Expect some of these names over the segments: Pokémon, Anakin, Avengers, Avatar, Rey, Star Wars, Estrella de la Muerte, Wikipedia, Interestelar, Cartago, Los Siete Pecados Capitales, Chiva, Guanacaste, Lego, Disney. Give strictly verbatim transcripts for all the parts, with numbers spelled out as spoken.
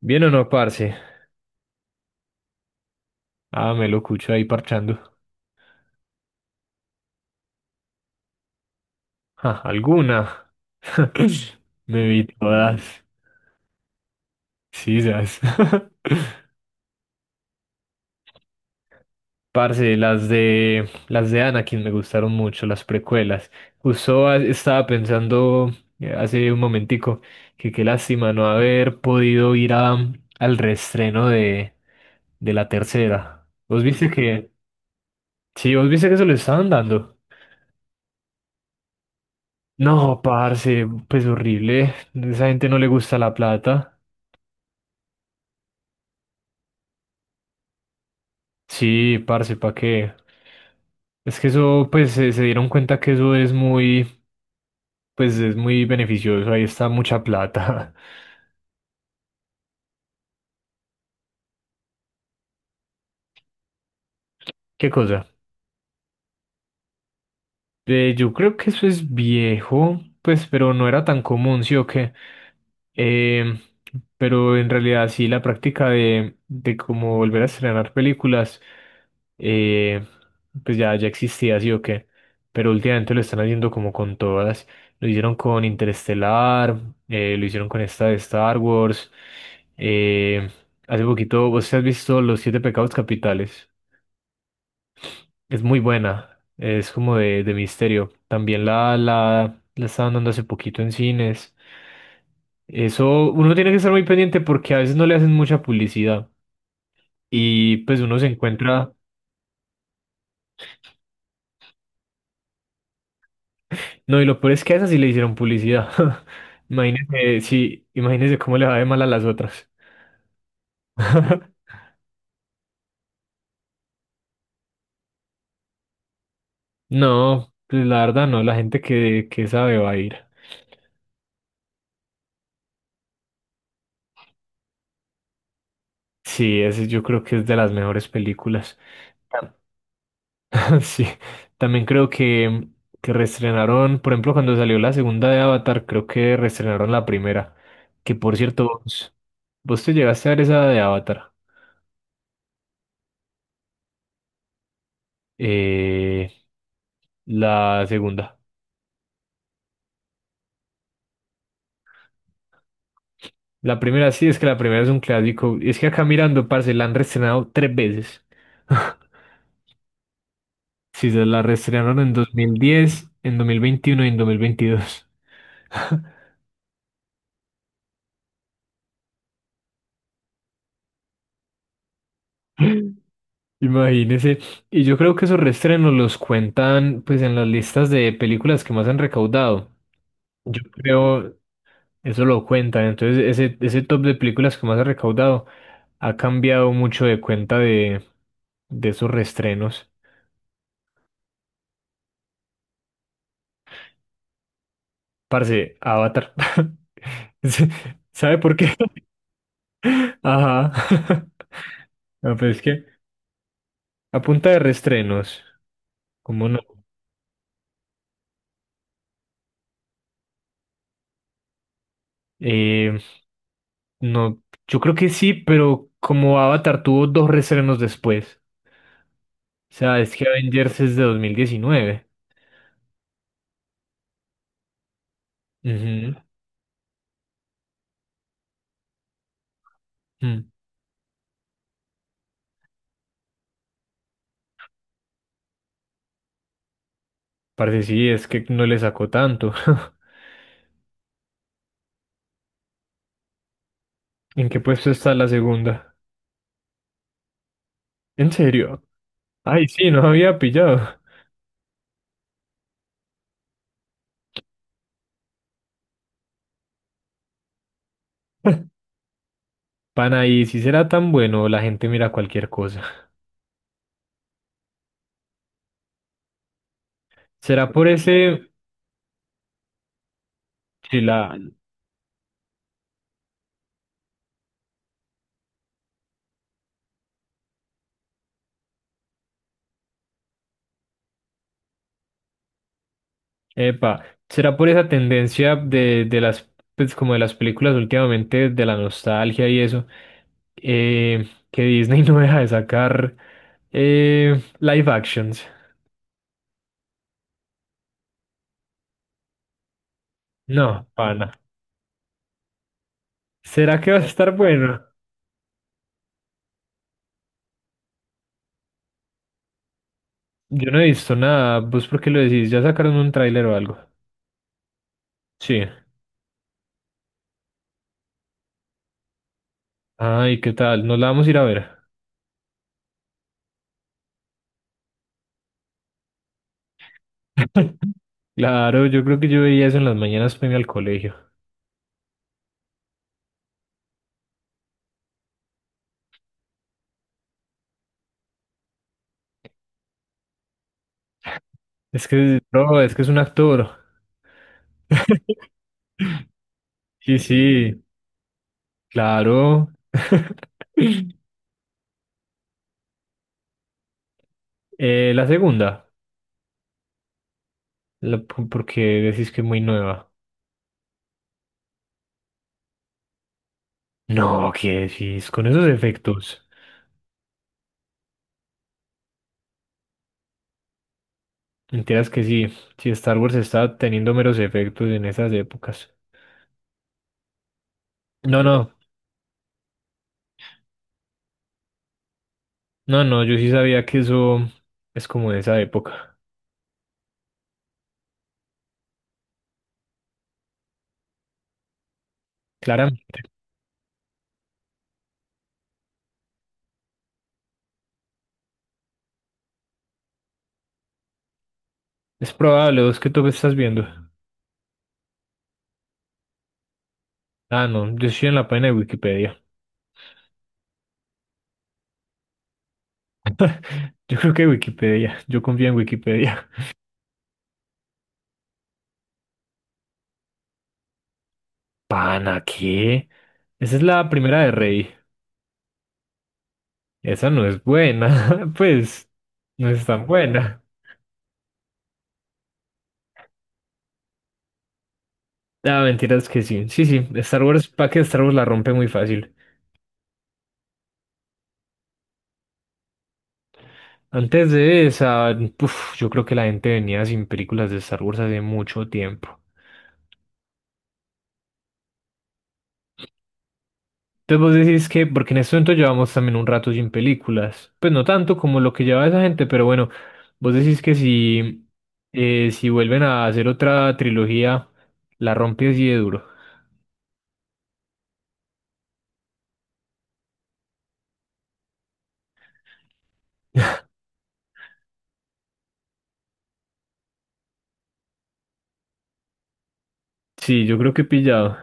¿Bien o no, parce? Ah, me lo escucho ahí parchando. Ja, ¿alguna? Me vi todas. Sí, esas. Parce, las de las de Anakin me gustaron mucho, las precuelas. Justo a- estaba pensando eh, hace un momentico que qué lástima no haber podido ir a, al reestreno de, de la tercera. ¿Vos viste que? Sí, vos viste que se lo estaban dando. No, parce, pues horrible. Esa gente no le gusta la plata. Sí, parce, ¿pa' qué? Es que eso, pues se, se dieron cuenta que eso es muy, pues es muy beneficioso. Ahí está mucha plata. ¿Qué cosa? Eh, yo creo que eso es viejo, pues, pero no era tan común, sí o qué. Eh, pero en realidad sí, la práctica de, de cómo volver a estrenar películas. eh, pues ya, ya existía, sí o qué, pero últimamente lo están haciendo como con todas. Lo hicieron con Interestelar, eh, lo hicieron con esta de Star Wars. eh, hace poquito, ¿vos has visto Los Siete Pecados Capitales? Es muy buena, es como de, de misterio. También la, la, la estaban dando hace poquito en cines. Eso uno tiene que estar muy pendiente porque a veces no le hacen mucha publicidad y pues uno se encuentra... No, y lo peor es que a esas sí le hicieron publicidad. Imagínese, sí, imagínese cómo le va de mal a las otras. No, pues la verdad no, la gente que, que sabe va a ir. Sí, ese yo creo que es de las mejores películas. Sí, también creo que, que reestrenaron, por ejemplo, cuando salió la segunda de Avatar, creo que reestrenaron la primera. Que por cierto, vos, vos te llegaste a ver esa de Avatar, eh, la segunda. La primera sí, es que la primera es un clásico. Y es que acá mirando, parce, la han reestrenado tres veces. Sí, se la reestrenaron en dos mil diez, en dos mil veintiuno y en dos mil veintidós. Imagínese. Y yo creo que esos reestrenos los cuentan pues en las listas de películas que más han recaudado. Yo creo, eso lo cuentan. Entonces, ese, ese top de películas que más ha recaudado ha cambiado mucho de cuenta de, de esos reestrenos. Parce, Avatar. Sí, ¿sabe por qué? Ajá. No, pues es que a punta de restrenos, ¿cómo no? Eh, no, yo creo que sí, pero como Avatar tuvo dos restrenos después. O sea, es que Avengers es de dos mil diecinueve. Ujú. Mm. Parce, sí, es que no le sacó tanto. ¿En qué puesto está la segunda? ¿En serio? Ay, sí, no había pillado. Pana, y si será tan bueno, la gente mira cualquier cosa. ¿Será por ese, si la, epa, será por esa tendencia de, de las, pues como de las películas últimamente, de la nostalgia y eso, eh, que Disney no deja de sacar eh, live actions? No, pana. ¿Será que va a estar bueno? Yo no he visto nada. ¿Vos por qué lo decís? ¿Ya sacaron un tráiler o algo? Sí. Ay, ¿qué tal? ¿Nos la vamos a ir a ver? Claro, yo creo que yo veía eso en las mañanas para irme al colegio. Es que, bro, es que es un actor. Sí, sí, claro. Eh, la segunda, la- porque decís que es muy nueva. No, ¿qué decís? Con esos efectos. Mentiras que sí, si Star Wars está teniendo meros efectos en esas épocas. No, no, no, no, yo sí sabía que eso es como de esa época. Clara, es probable, ¿vos qué tú estás viendo? Ah, no, yo estoy en la página de Wikipedia. Yo creo que Wikipedia. Yo confío en Wikipedia. Pana, ¿qué? Esa es la primera de Rey. Esa no es buena. Pues, no es tan buena. Ah, mentiras que sí. Sí, sí. Star Wars, para que Star Wars la rompe muy fácil. Antes de esa, puf, yo creo que la gente venía sin películas de Star Wars hace mucho tiempo. Entonces vos decís que, porque en este momento llevamos también un rato sin películas, pues no tanto como lo que lleva esa gente, pero bueno, vos decís que si, eh, si vuelven a hacer otra trilogía, la rompe así de duro. Sí, yo creo que he pillado.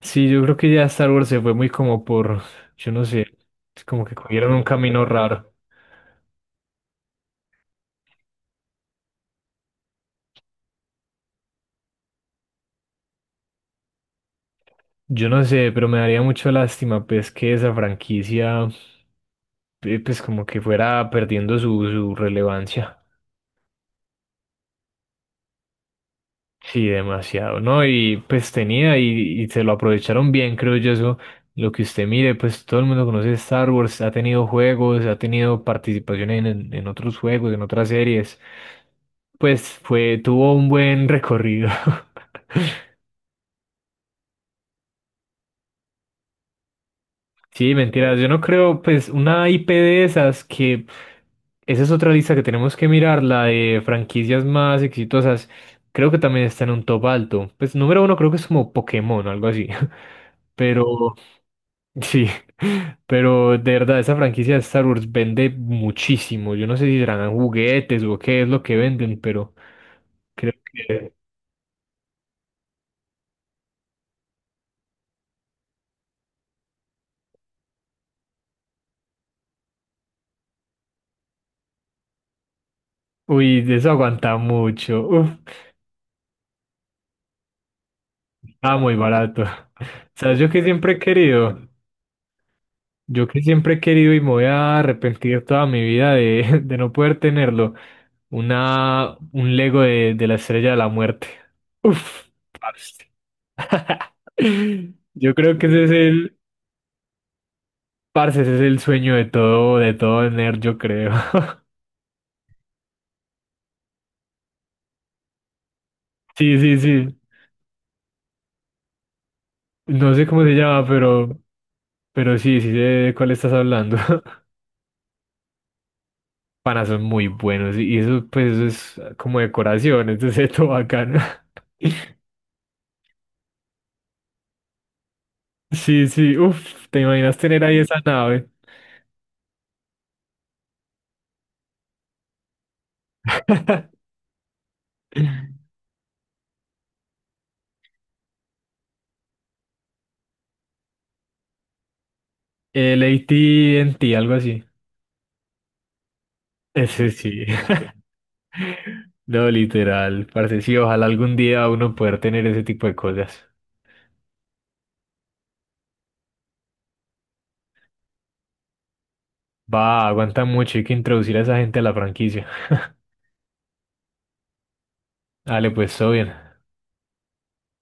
Sí, yo creo que ya Star Wars se fue muy como por, yo no sé, es como que cogieron un camino raro. Yo no sé, pero me daría mucho lástima, pues, que esa franquicia, eh, pues, como que fuera perdiendo su, su relevancia. Sí, demasiado, ¿no? Y pues tenía y, y se lo aprovecharon bien, creo yo, eso. Lo que usted mire, pues todo el mundo conoce Star Wars, ha tenido juegos, ha tenido participación en, en en otros juegos, en otras series. Pues fue, tuvo un buen recorrido. Sí, mentiras, yo no creo, pues una I P de esas que... Esa es otra lista que tenemos que mirar, la de franquicias más exitosas. Creo que también está en un top alto. Pues número uno creo que es como Pokémon o algo así. Pero sí, pero de verdad, esa franquicia de Star Wars vende muchísimo. Yo no sé si serán juguetes o qué es lo que venden, pero creo que... Uy, de eso aguanta mucho. Uf, está muy barato. ¿Sabes? Yo que siempre he querido, yo que siempre he querido y me voy a arrepentir toda mi vida de, de no poder tenerlo, una, un Lego de, de la Estrella de la Muerte. Uf, parce. Yo creo que ese es el, parce, ese es el sueño de todo, de todo nerd, yo creo. Sí, sí, sí. No sé cómo se llama, pero, pero sí, sí sé de cuál estás hablando. Panas son muy buenos y eso, pues, eso es como decoración, entonces es todo bacano. Sí, sí, uff, ¿te imaginas tener ahí esa nave? El A T y T, algo así. Ese sí. No, literal, parce, sí, ojalá algún día uno poder tener ese tipo de cosas. Va, aguanta mucho, hay que introducir a esa gente a la franquicia. Dale, pues, todo bien.